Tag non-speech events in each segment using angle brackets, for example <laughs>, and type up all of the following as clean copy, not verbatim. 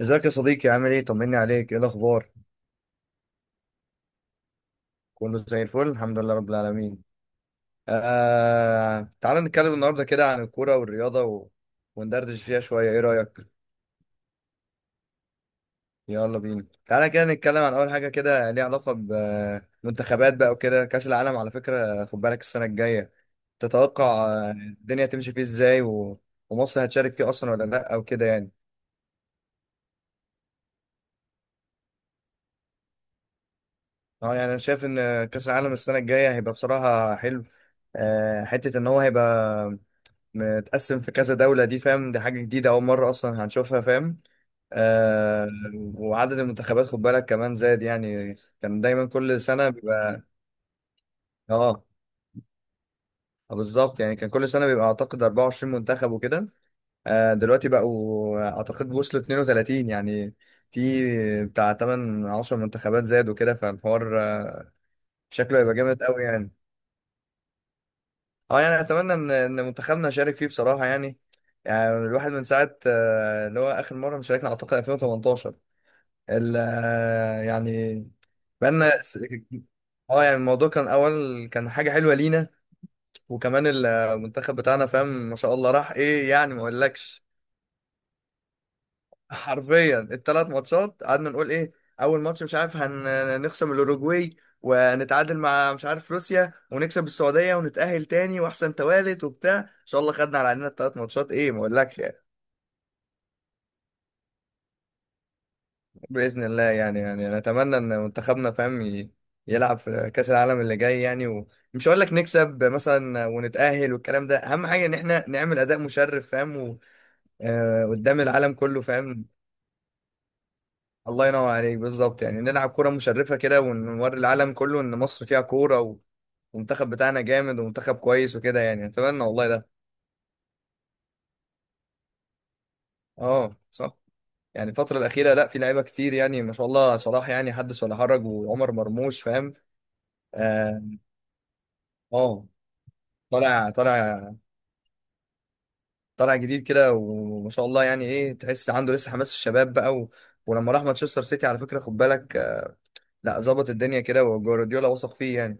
ازيك يا صديقي، عامل ايه؟ طمني عليك، ايه الاخبار؟ كله زي الفل، الحمد لله رب العالمين. تعال نتكلم النهارده كده عن الكوره والرياضه وندردش فيها شويه، ايه رايك؟ يلا بينا، تعالى كده نتكلم عن اول حاجه كده ليها علاقه بمنتخبات بقى وكده. كاس العالم على فكره، خد بالك السنه الجايه تتوقع الدنيا تمشي فيه ازاي، ومصر هتشارك فيه اصلا ولا لا، او كده يعني؟ اه يعني انا شايف ان كاس العالم السنه الجايه هيبقى بصراحه حلو. حته ان هو هيبقى متقسم في كذا دولة، دي فاهم؟ دي حاجة جديدة، أول مرة أصلا هنشوفها، فاهم؟ آه. وعدد المنتخبات خد بالك كمان زاد يعني، كان دايما كل سنة بيبقى... اه بالظبط، يعني كان كل سنة بيبقى أعتقد 24 منتخب وكده. آه، دلوقتي بقوا أعتقد وصلوا 32 يعني، في بتاع 8 10 منتخبات زاد وكده، فالحوار شكله هيبقى جامد قوي يعني. اه يعني أتمنى إن منتخبنا يشارك فيه بصراحة يعني. يعني الواحد من ساعة اللي هو آخر مرة مشاركنا أعتقد 2018، ال يعني بقالنا س- اه يعني الموضوع كان اول، كان حاجه حلوه لينا، وكمان المنتخب بتاعنا فاهم، ما شاء الله راح ايه يعني، ما اقولكش. <laughs> حرفيا الـ3 ماتشات قعدنا نقول ايه، اول ماتش مش عارف هنخصم الاوروجواي، ونتعادل مع مش عارف روسيا، ونكسب السعوديه ونتاهل تاني واحسن توالت وبتاع ان شاء الله، خدنا على عيننا الـ3 ماتشات، ايه ما اقولكش يعني. بإذن الله يعني، يعني أنا أتمنى إن منتخبنا، فاهم؟ يلعب في كأس العالم اللي جاي يعني، ومش هقول لك نكسب مثلا ونتأهل والكلام ده، أهم حاجة إن إحنا نعمل أداء مشرف، فاهم؟ قدام العالم كله، فاهم؟ الله ينور عليك، بالظبط يعني نلعب كرة مشرفة كده ونوري العالم كله إن مصر فيها كورة، والمنتخب بتاعنا جامد، ومنتخب كويس وكده يعني، أتمنى والله ده. أه صح. يعني الفترة الأخيرة لا، في لعيبة كتير يعني، ما شاء الله صلاح يعني حدث ولا حرج، وعمر مرموش، فاهم؟ اه. آه. طالع طالع، طالع جديد كده، وما شاء الله يعني ايه، تحس عنده لسه حماس الشباب بقى ولما راح مانشستر سيتي على فكره خد بالك، لا ظبط الدنيا كده، وجوارديولا وثق فيه يعني.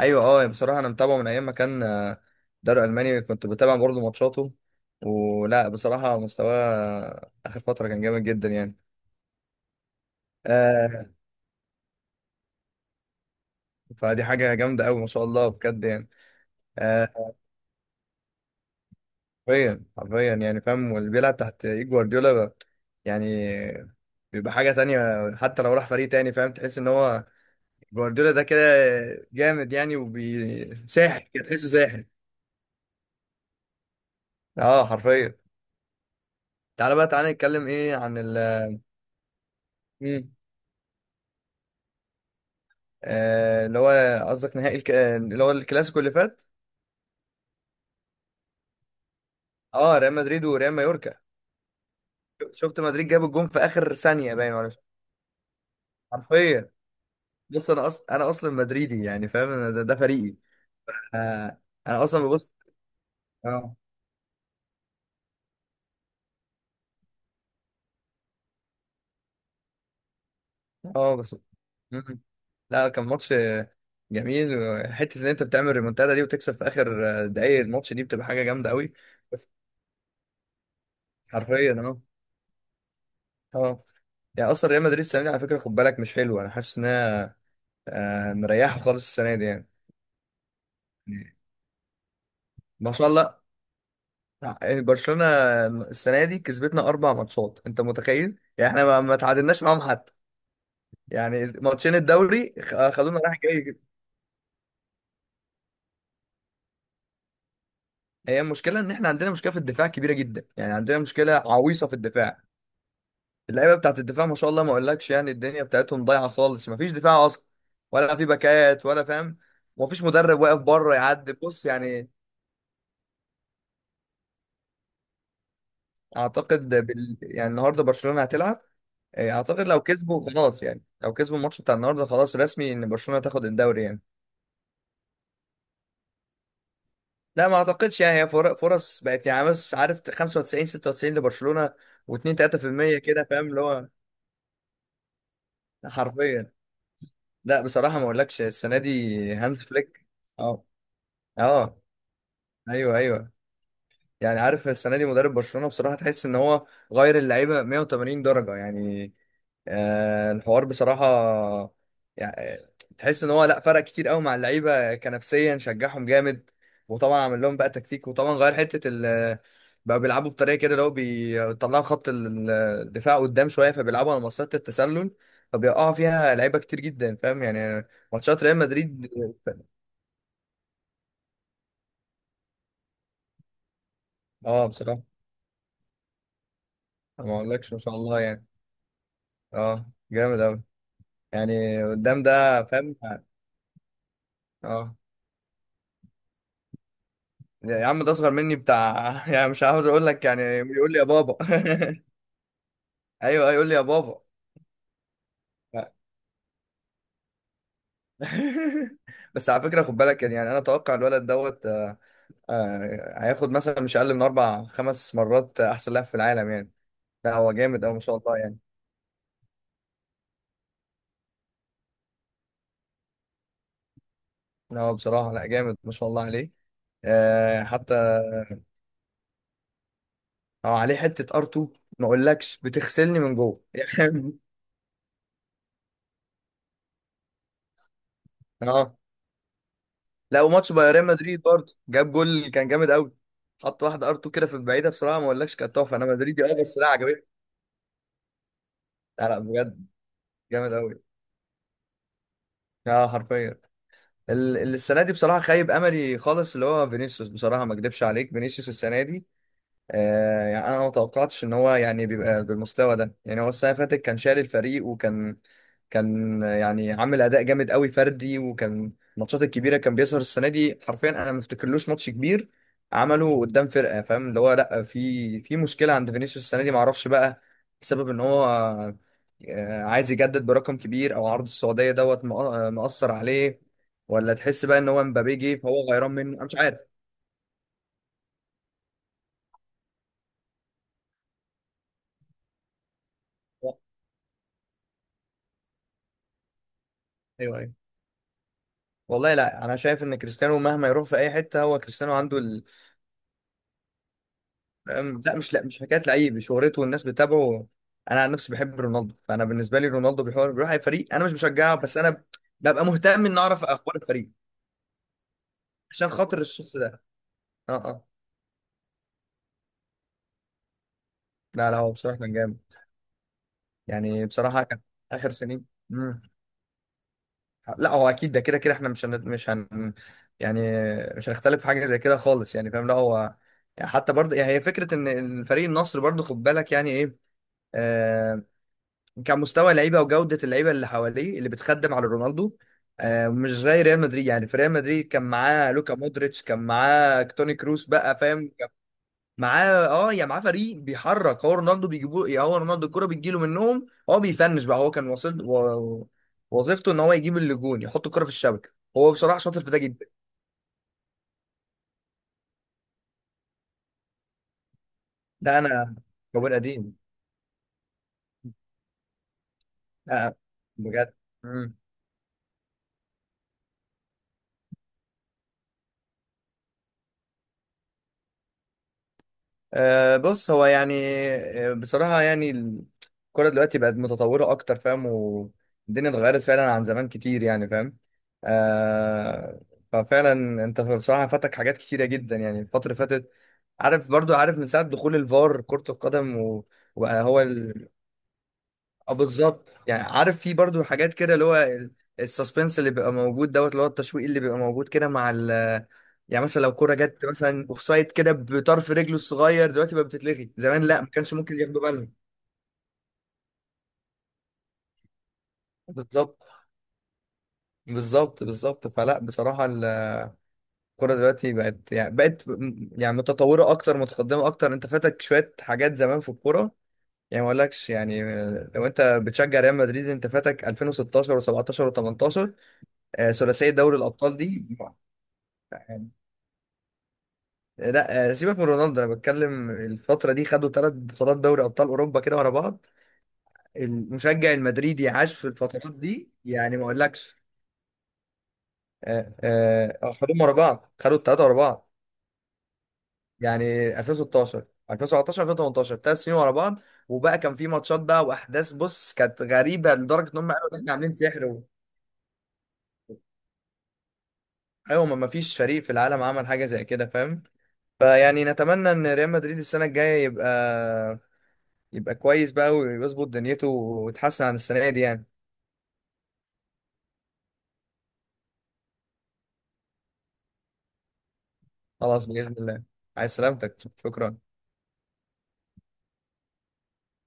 ايوه اه، بصراحه انا متابعه من ايام ما كان دوري الماني كنت بتابع برضه ماتشاته، ولا بصراحه مستواه اخر فتره كان جامد جدا يعني. آه، فدي حاجه جامده قوي ما شاء الله بجد يعني. آه، حرفيا حرفيا يعني فاهم، واللي بيلعب تحت ايد جوارديولا بقى، يعني بيبقى حاجة تانية. حتى لو راح فريق تاني، فاهم؟ تحس ان هو جوارديولا ده كده جامد يعني، وبيساحر كده، تحسه ساحر. اه حرفيا. تعالى بقى، نتكلم ايه عن مم. آه، اللي هو قصدك نهائي اللي هو الكلاسيكو اللي فات؟ اه، ريال مدريد وريال مايوركا. شفت مدريد جاب الجون في اخر ثانية باين ولا مش؟ حرفيا. بص انا اصلا مدريدي يعني فاهم، أنا ده، فريقي. آه. انا اصلا ببص. اه اه، بس. مم. لا كان ماتش جميل، وحته ان انت بتعمل ريمونتادا دي وتكسب في اخر دقايق الماتش دي، بتبقى حاجه جامده قوي. بس حرفيا، اه. اه يعني اصلا ريال مدريد السنه دي على فكره خد بالك مش حلوه، انا حاسس انها مريحه خالص السنه دي يعني. ما شاء الله. يعني برشلونه السنه دي كسبتنا 4 ماتشات، انت متخيل يعني؟ احنا ما ما تعادلناش معاهم حتى. يعني ماتشين الدوري خدونا رايح جاي كده. هي المشكله ان احنا عندنا مشكله في الدفاع كبيره جدا يعني، عندنا مشكله عويصه في الدفاع. اللعيبه بتاعت الدفاع ما شاء الله، ما اقولكش يعني، الدنيا بتاعتهم ضايعه خالص، ما فيش دفاع اصلا، ولا في باكات ولا فاهم، وما فيش مدرب واقف بره يعدي، بص يعني. اعتقد يعني النهارده برشلونه هتلعب. إيه، اعتقد لو كسبوا خلاص يعني، لو كسبوا الماتش بتاع النهارده خلاص رسمي ان برشلونه تاخد الدوري يعني. لا ما اعتقدش يعني، هي فرص بقت يعني، بس عارف 95 96 لبرشلونه، و2 3% كده، فاهم؟ اللي هو حرفيا. لا بصراحه ما اقولكش السنه دي هانز فليك، اه اه. ايوه ايوه. يعني عارف السنه دي مدرب برشلونه بصراحه تحس ان هو غير اللعيبه 180 درجه يعني. آه، الحوار بصراحه يعني، تحس ان هو لا، فرق كتير قوي مع اللعيبه، كنفسيا شجعهم جامد، وطبعا عمل لهم بقى تكتيك، وطبعا غير حته بقى بيلعبوا بطريقه كده، اللي هو بيطلعوا خط الدفاع قدام شويه، فبيلعبوا على مسطره التسلل، فبيقعوا فيها لعيبه كتير جدا فاهم. يعني ماتشات ريال مدريد، اه بصراحه، ما اقولكش ما شاء الله يعني، اه جامد قوي يعني قدام ده، فاهم؟ اه يا عم، ده اصغر مني بتاع <laughs> يعني، مش عاوز اقول لك يعني، يقول لي يا بابا. <laughs> ايوه يقول لي يا بابا. <laughs> بس على فكره خد بالك يعني، انا اتوقع الولد هياخد مثلا مش اقل من 4 5 مرات احسن لاعب في العالم يعني. لا هو جامد او ما شاء الله يعني. لا هو بصراحه لا، جامد ما شاء الله عليه. حتى هو عليه حته ار2، ما اقولكش بتغسلني من جوه <laughs> يعني. اه لا، وماتش بايرن ريال مدريد برضه جاب جول كان جامد قوي، حط واحده ار2 كده في البعيده، بصراحه ما اقولكش كانت تحفه، انا مدريدي اه بس لا عجبتني. لا لا بجد، جامد قوي. اه حرفيا. السنه دي بصراحه خايب املي خالص اللي هو فينيسيوس، بصراحه ما اكدبش عليك، فينيسيوس السنه دي يعني انا ما توقعتش ان هو يعني بيبقى بالمستوى ده يعني. هو السنه اللي فاتت كان شايل الفريق، كان يعني عامل اداء جامد قوي فردي، وكان الماتشات الكبيره كان بيظهر. السنه دي حرفيا انا ما افتكرلوش ماتش كبير عمله قدام فرقه، فاهم؟ اللي هو لا، في مشكله عند فينيسيوس السنه دي، ما اعرفش بقى، بسبب ان هو عايز يجدد برقم كبير، او عرض السعوديه مأثر عليه، ولا تحس بقى ان هو مبابي جه فهو غيران منه، انا مش عارف. ايوه ايوه. والله لا، انا شايف ان كريستيانو مهما يروح في اي حته هو كريستيانو، عنده ال... لا مش، حكايه لعيب، شهرته والناس بتتابعه. انا عن نفسي بحب رونالدو، فانا بالنسبه لي رونالدو بيحور، بيروح اي فريق انا مش بشجعه، بس انا ببقى مهتم ان اعرف اخبار الفريق عشان خاطر الشخص ده. اه اه. لا لا، هو بصراحه كان جامد يعني، بصراحه كان اخر سنين. مم. لا هو اكيد ده كده كده، احنا مش مش هن يعني مش هنختلف في حاجه زي كده خالص يعني، فاهم؟ لا هو يعني حتى برضه يعني، هي فكره ان الفريق النصر برضه خد بالك، يعني ايه، آه، كمستوى لعيبه، وجوده اللعيبه اللي حواليه اللي بتخدم على رونالدو. آه، مش زي ريال مدريد. يعني في ريال مدريد كان معاه لوكا مودريتش، كان معاه توني كروس بقى، فاهم؟ كان معاه اه، يا معاه فريق بيحرك، هو رونالدو بيجيبوه، يا هو رونالدو الكرة بتجيله منهم، هو بيفنش بقى. هو كان واصل وظيفته ان هو يجيب الجون، يحط الكرة في الشبكة، هو بصراحة شاطر في ده جدا. ده انا كوين قديم. لا بجد. أه بص، هو يعني بصراحة يعني الكرة دلوقتي بقت متطورة أكتر، فاهم؟ والدنيا اتغيرت فعلا عن زمان كتير يعني، فاهم؟ أه. ففعلا أنت بصراحة فاتك حاات كتيرة جدا يعني الفترة اللي فاتت، عارف من ساعة دخول الفار كرة القدم، وبقى هو... اه بالظبط يعني، عارف في برضو حاجات كده اللي هو السسبنس اللي بيبقى موجود اللي هو التشويق اللي بيبقى موجود كده مع ال... يعني مثلا لو كرة جت مثلا اوفسايد كده بطرف رجله الصغير دلوقتي بقى بتتلغي، زمان لا ما كانش ممكن ياخدوا بالهم. بالظبط بالظبط بالظبط، فلا بصراحة الكرة دلوقتي بقت يعني، يعني متطورة أكتر، متقدمة أكتر. أنت فاتك شوية حاجات زمان في الكورة يعني، ما أقولكش يعني، لو أنت بتشجع ريال مدريد أنت فاتك 2016 و17 و18، ثلاثية دوري الأبطال دي. لا سيبك من رونالدو، انا بتكلم الفتره دي، خدوا 3 بطولات دوري ابطال اوروبا كده ورا بعض. المشجع المدريدي عاش في الفترات دي يعني، ما اقولكش. خدوهم ورا بعض، خدوا الثلاثه ورا بعض. يعني 2016 2017 2018، 3 سنين ورا بعض. وبقى كان في ماتشات بقى واحداث، بص كانت غريبه لدرجه ان هم قالوا إن احنا عاملين سحر ايوه، ما ما فيش فريق في العالم عمل حاجه زي كده، فاهم؟ فيعني نتمنى ان ريال مدريد السنه الجايه يبقى... يبقى كويس بقى ويظبط دنيته ويتحسن عن السنة دي يعني. خلاص بإذن الله. عايز سلامتك. شكرا.